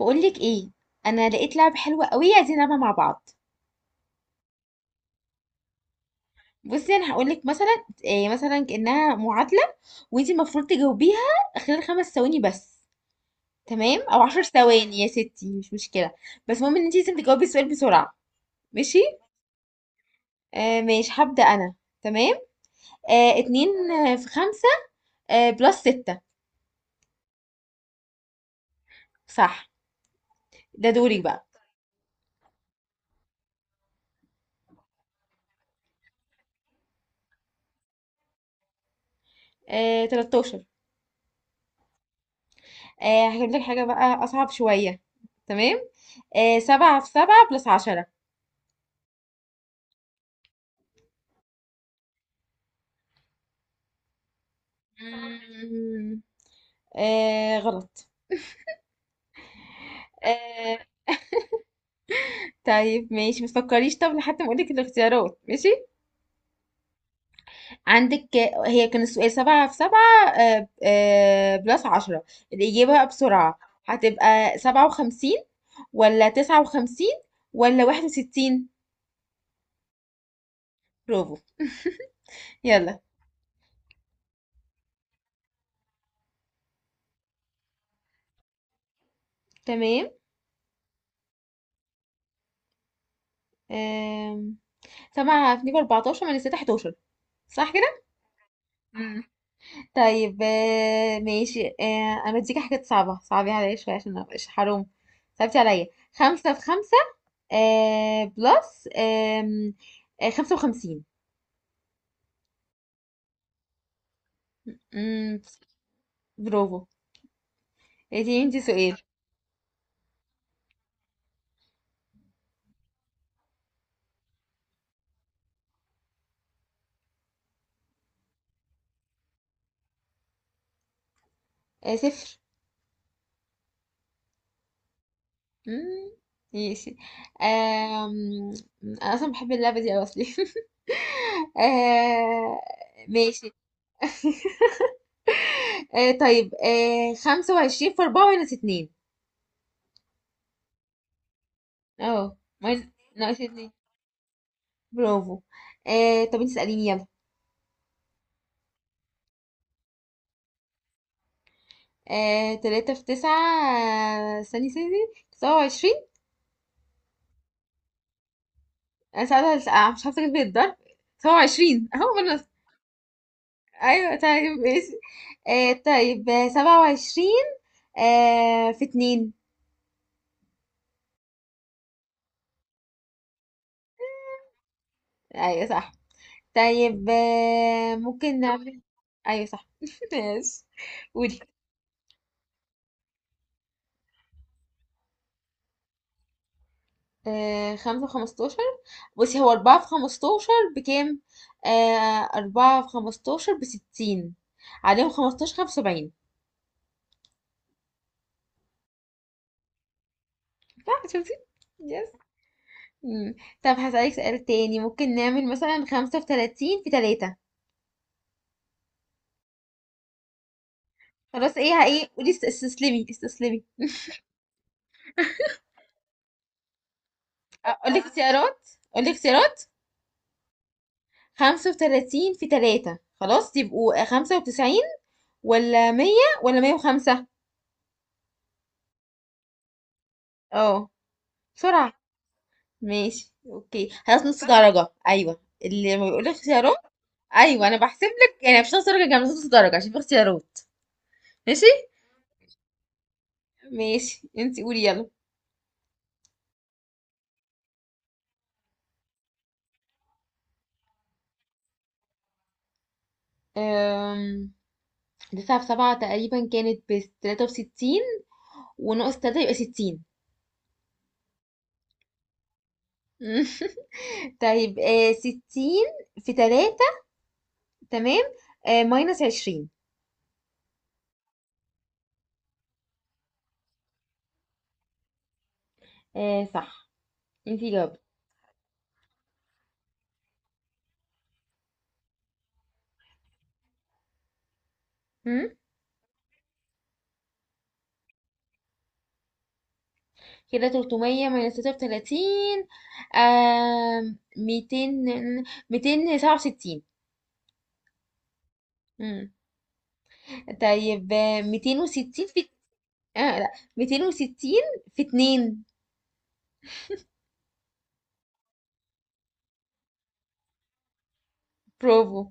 بقولك ايه؟ انا لقيت لعبه حلوه قوي عايزين نلعبها مع بعض. بصي انا هقولك مثلا إيه، مثلا كانها معادله، وانتي المفروض تجاوبيها خلال 5 ثواني بس. تمام، او 10 ثواني يا ستي مش مشكله. بس المهم ان انتي لازم تجاوبي السؤال بسرعه. ماشي. ماشي، هبدا انا. تمام. اتنين في خمسة. بلس ستة. صح. ده دوري بقى. 13. هجيب لك حاجة بقى أصعب شوية. تمام. سبعة في سبعة بلس 10. غلط. آه طيب ماشي، ما تفكريش، طب لحد ما اقولك الاختيارات، ماشي. عندك، هي كان السؤال سبعة في سبعة بلس عشرة. الإجابة بقى بسرعة. هتبقى 57، ولا 59، ولا 61. برافو. يلا. تمام. آم، سبعة في اتنين بأربعتاشر، من الستة 11. صح كده؟ طيب، ماشي. انا اديكي حاجات صعبة، صعبي عليا شوية عشان ما ابقاش حرام. صعبتي عليا. خمسة في خمسة بلس آم، آه، 55. مم، برافو. اديني انتي سؤال. صفر. مم، ماشي. آم، انا اصلا بحب اللعبة دي اوي اصلي. آه، ماشي. طيب، 25 في اربعة ماينس اتنين. اه ماين- ناقص اتنين. برافو. طب انت اسأليني يلا. تلاتة في تسعة. استني استني، 27. انا ساعتها مش عارفة اجيب الضرب. 27 اهو خلاص. ايوه طيب ماشي. طيب 27 في اتنين. ايوه صح. طيب ممكن نعمل. ايوه صح. ماشي. قولي. 75. بصي، هو أربعة في 15 بكام؟ أربعة في خمستاشر بستين، عليهم 15، 75. صح، شفتي؟ يس. مم. طب هسألك سؤال تاني، ممكن نعمل مثلا خمسة في 30 في تلاتة. خلاص، ايه ايه، قولي استسلمي استسلمي. اقول لك اختيارات، اقول لك اختيارات. 35 في تلاتة خلاص، يبقوا 95، ولا 100، ولا 105. اه. بسرعة. ماشي اوكي، خلاص نص درجة، ايوه اللي ما بيقولك اختيارات. ايوه، انا بحسب لك، يعني مش نص درجة جامد، نص درجة عشان في اختيارات. ماشي. ماشي، انتي قولي يلا. أم... تسعة في سبعة تقريبا كانت بتلاتة وستين، وناقص تلاتة يبقى 60. طيب، 60 في تلاتة. تمام. ماينس 20. صح، انتي جاوبتي. مم؟ كده 300 ماينس 33. 200، 267. امم طيب، 260 في... اه لا، 260 في 2. برافو.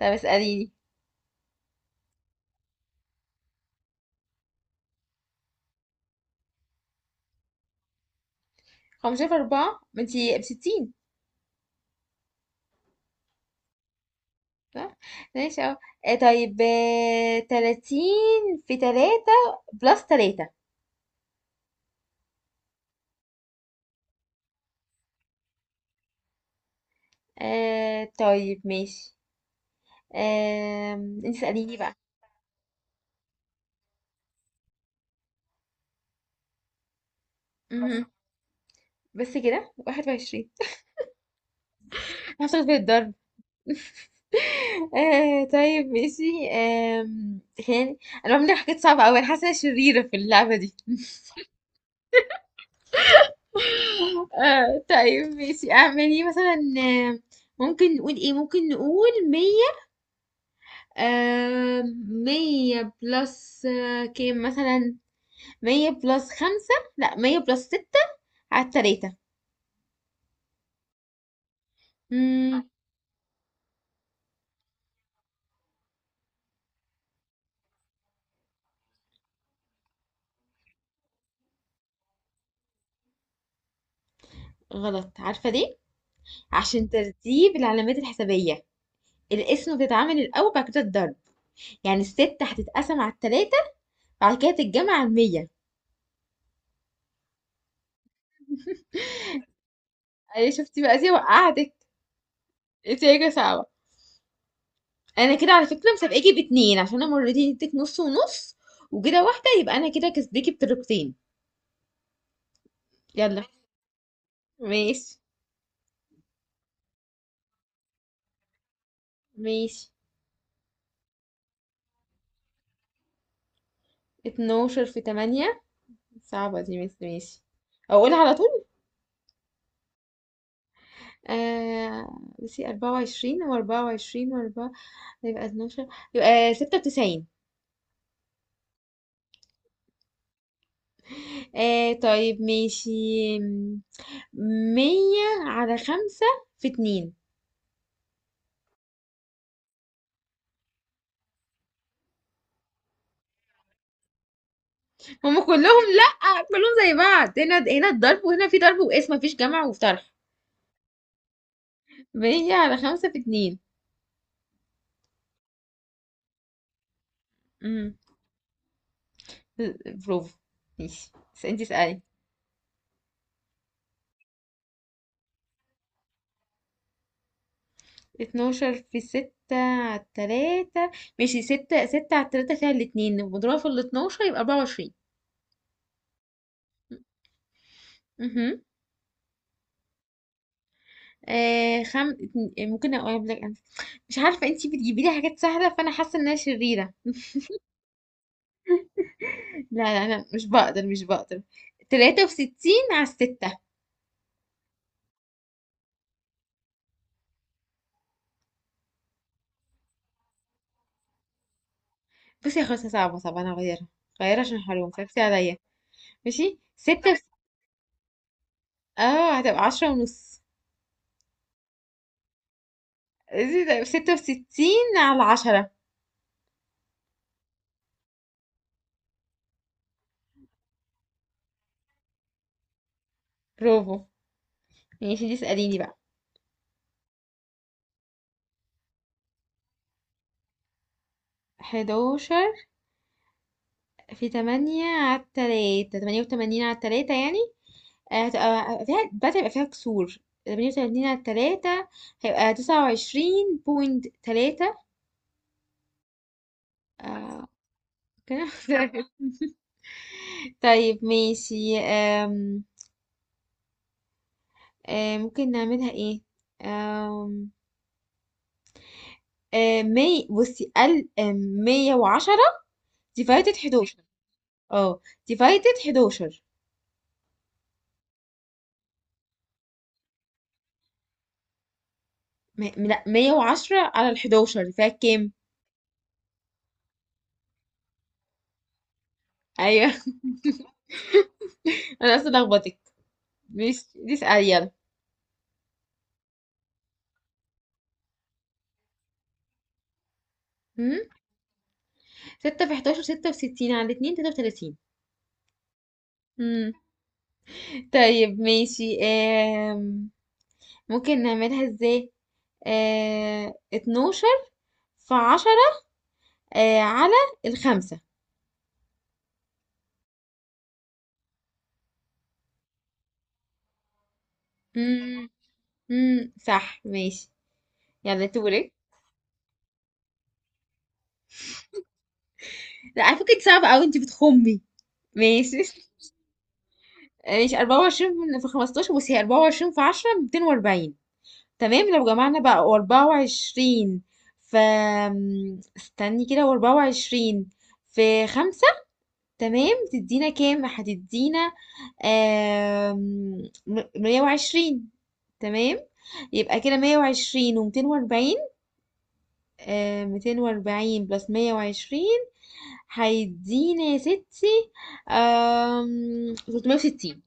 طب اسأليني. 15 في 4 ما انتي ب 60. صح، ماشي اهو. طيب، 30 في 3 بلس 3. طيب ماشي. آه انت اسأليني بقى. مهم. بس كده 21. هاخد في الضرب. طيب ماشي. آه خلينا، انا بعمل حاجات صعبة اوي، انا حاسة إن أنا شريرة في اللعبة دي. طيب ماشي، اعملي مثلا، ممكن نقول ايه، ممكن نقول مية. آه مية بلس كام مثلا. مية بلس خمسة، لا مية بلس ستة على التلاتة. مم غلط، عارفة ليه؟ عشان ترتيب العلامات الحسابية. القسمة بتتعمل الأول، بعد كده الضرب. يعني الستة هتتقسم على التلاتة، بعد كده تتجمع على المية. أيوة، شفتي بقى، دي وقعتك. انتي راجلة صعبة. أنا كده على فكرة مسابقاكِ باتنين، عشان أنا مرّتين اديتِك نُص ونُص، وكده واحدة يبقى أنا كده كسباكِ بطريقتين. يالّا. ماشي، ماشي، 12 في 8. صعبة دي بس ماشي. أقولها على طول؟ آآ بُصّي، 24 و24 وأربعة وعشرين وأربعة، يبقى 12، يبقى 96. طيب ماشي. آمم 100 على 5 في 2. هُم كلّهم لأ، كلّهم زي بعض، هنا هنا الضرب، وهنا في ضرب وقِسْم، ما فيش جمع وطرح. بقية على خمسة في اتنين. امم، برافو. ماشي، بس انتي اسألي. اتناشر في ستة على التلاتة. ماشي، ستة ستة على التلاتة فيها الاتنين، مضروبة في الاتناشر يبقى 24. امم ممكن اقول لك انا، مش عارفة انتي بتجيبي لي حاجات سهلة، فانا حاسة ان انا شريرة. لا لا لا، مش بقدر مش بقدر. تلاتة وستين على الستة. بصي يا خلاص، صعبة صعبة، انا هغيرها، غيرها عشان حرام صعبتي عليا. ماشي، اه، هتبقى 10 ونص. 66 على 10. برافو. ماشي، دي اسأليني بقى. حداشر في تمانية على التلاتة، 88 على التلاتة يعني. هتبقى فيها بدأ، يبقى فيها كسور. تمانية وتمانين على التلاتة، هيبقى 29 بوينت تلاتة. آه، كده. طيب ماشي، آم، آم، ممكن نعملها ايه، آم، آم، مي بصي ال آم، 110 ديفايتد حداشر. اه، ديفايتد حداشر. لا، 110 على ال 11 فيها كام؟ ايوه. انا اصلا لخبطك. ماشي، دي اسأل يلا. هم؟ 6 في 11 66 على الاتنين 33. هم. طيب ماشي، ممكن نعملها ازاي. 12 في 10 على الخمسة. هم. هم، صح ماشي. يلا دورك. لا، على فكرة دي صعبة قوي، انت بتخمي. ماشي. ماشي، 24 في 15. بصي، هي 24 في 10 240، تمام. لو جمعنا بقى وأربعة وعشرين في... استني كده، وأربعة وعشرين في خمسة، تمام، تدينا كام؟ هتدينا آم، 120. تمام. يبقى كده 120 ومتين وأربعين. 240 بلس 120، هيدينا يا ستي 360.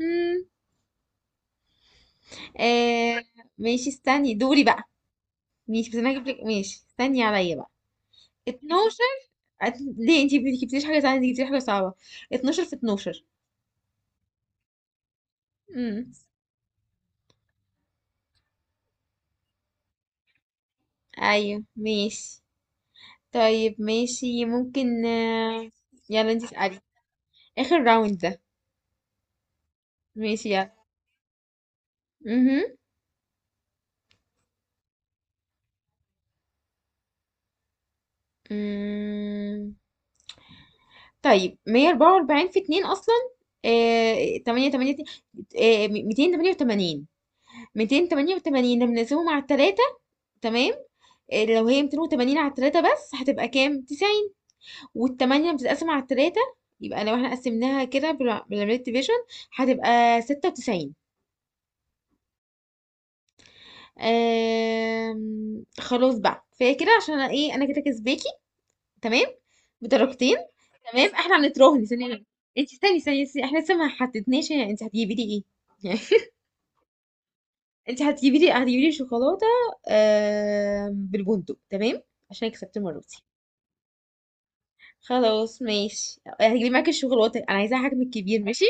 مم. آه ماشي، استني، دوري بقى. ماشي بس انا هجيب لك. ماشي استني عليا بقى. 12 ليه انتي ما جبتيليش حاجة سهلة، انتي جبتيلي حاجة صعبة. 12 في 12. امم. ايوه ماشي. طيب ماشي ممكن، يلا انتي اسألي. اخر راوند ده. ماشي يلا. مهم. مم. طيب، 144 في 2 اصلا 8 8، 288. 288 لما نقسمه مع التلاتة. تمام. لو هي 280 على التلاتة بس، هتبقى كام؟ 90. والتمانية بتتقسم على التلاتة. يبقى لو احنا قسمناها كده بالعملية ديفيجن، هتبقى 96. خلاص بقى، فهي كده عشان انا ايه، انا كده كسباكي. تمام، بدرجتين. تمام، احنا هنتراهن ثانية. انت استني ثانية، استني، احنا لسه ما حددناش يعني انت هتجيبي لي ايه. يعني، انت هتجيبي لي شوكولاتة، بالبندق، تمام، عشان كسبت المرة دي. خلاص ماشي، هتجيبي معاكي الشوكولاتة، انا عايزاها حجم كبير، ماشي.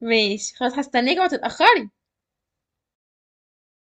ماشي خلاص، هستناكي ما تتأخري.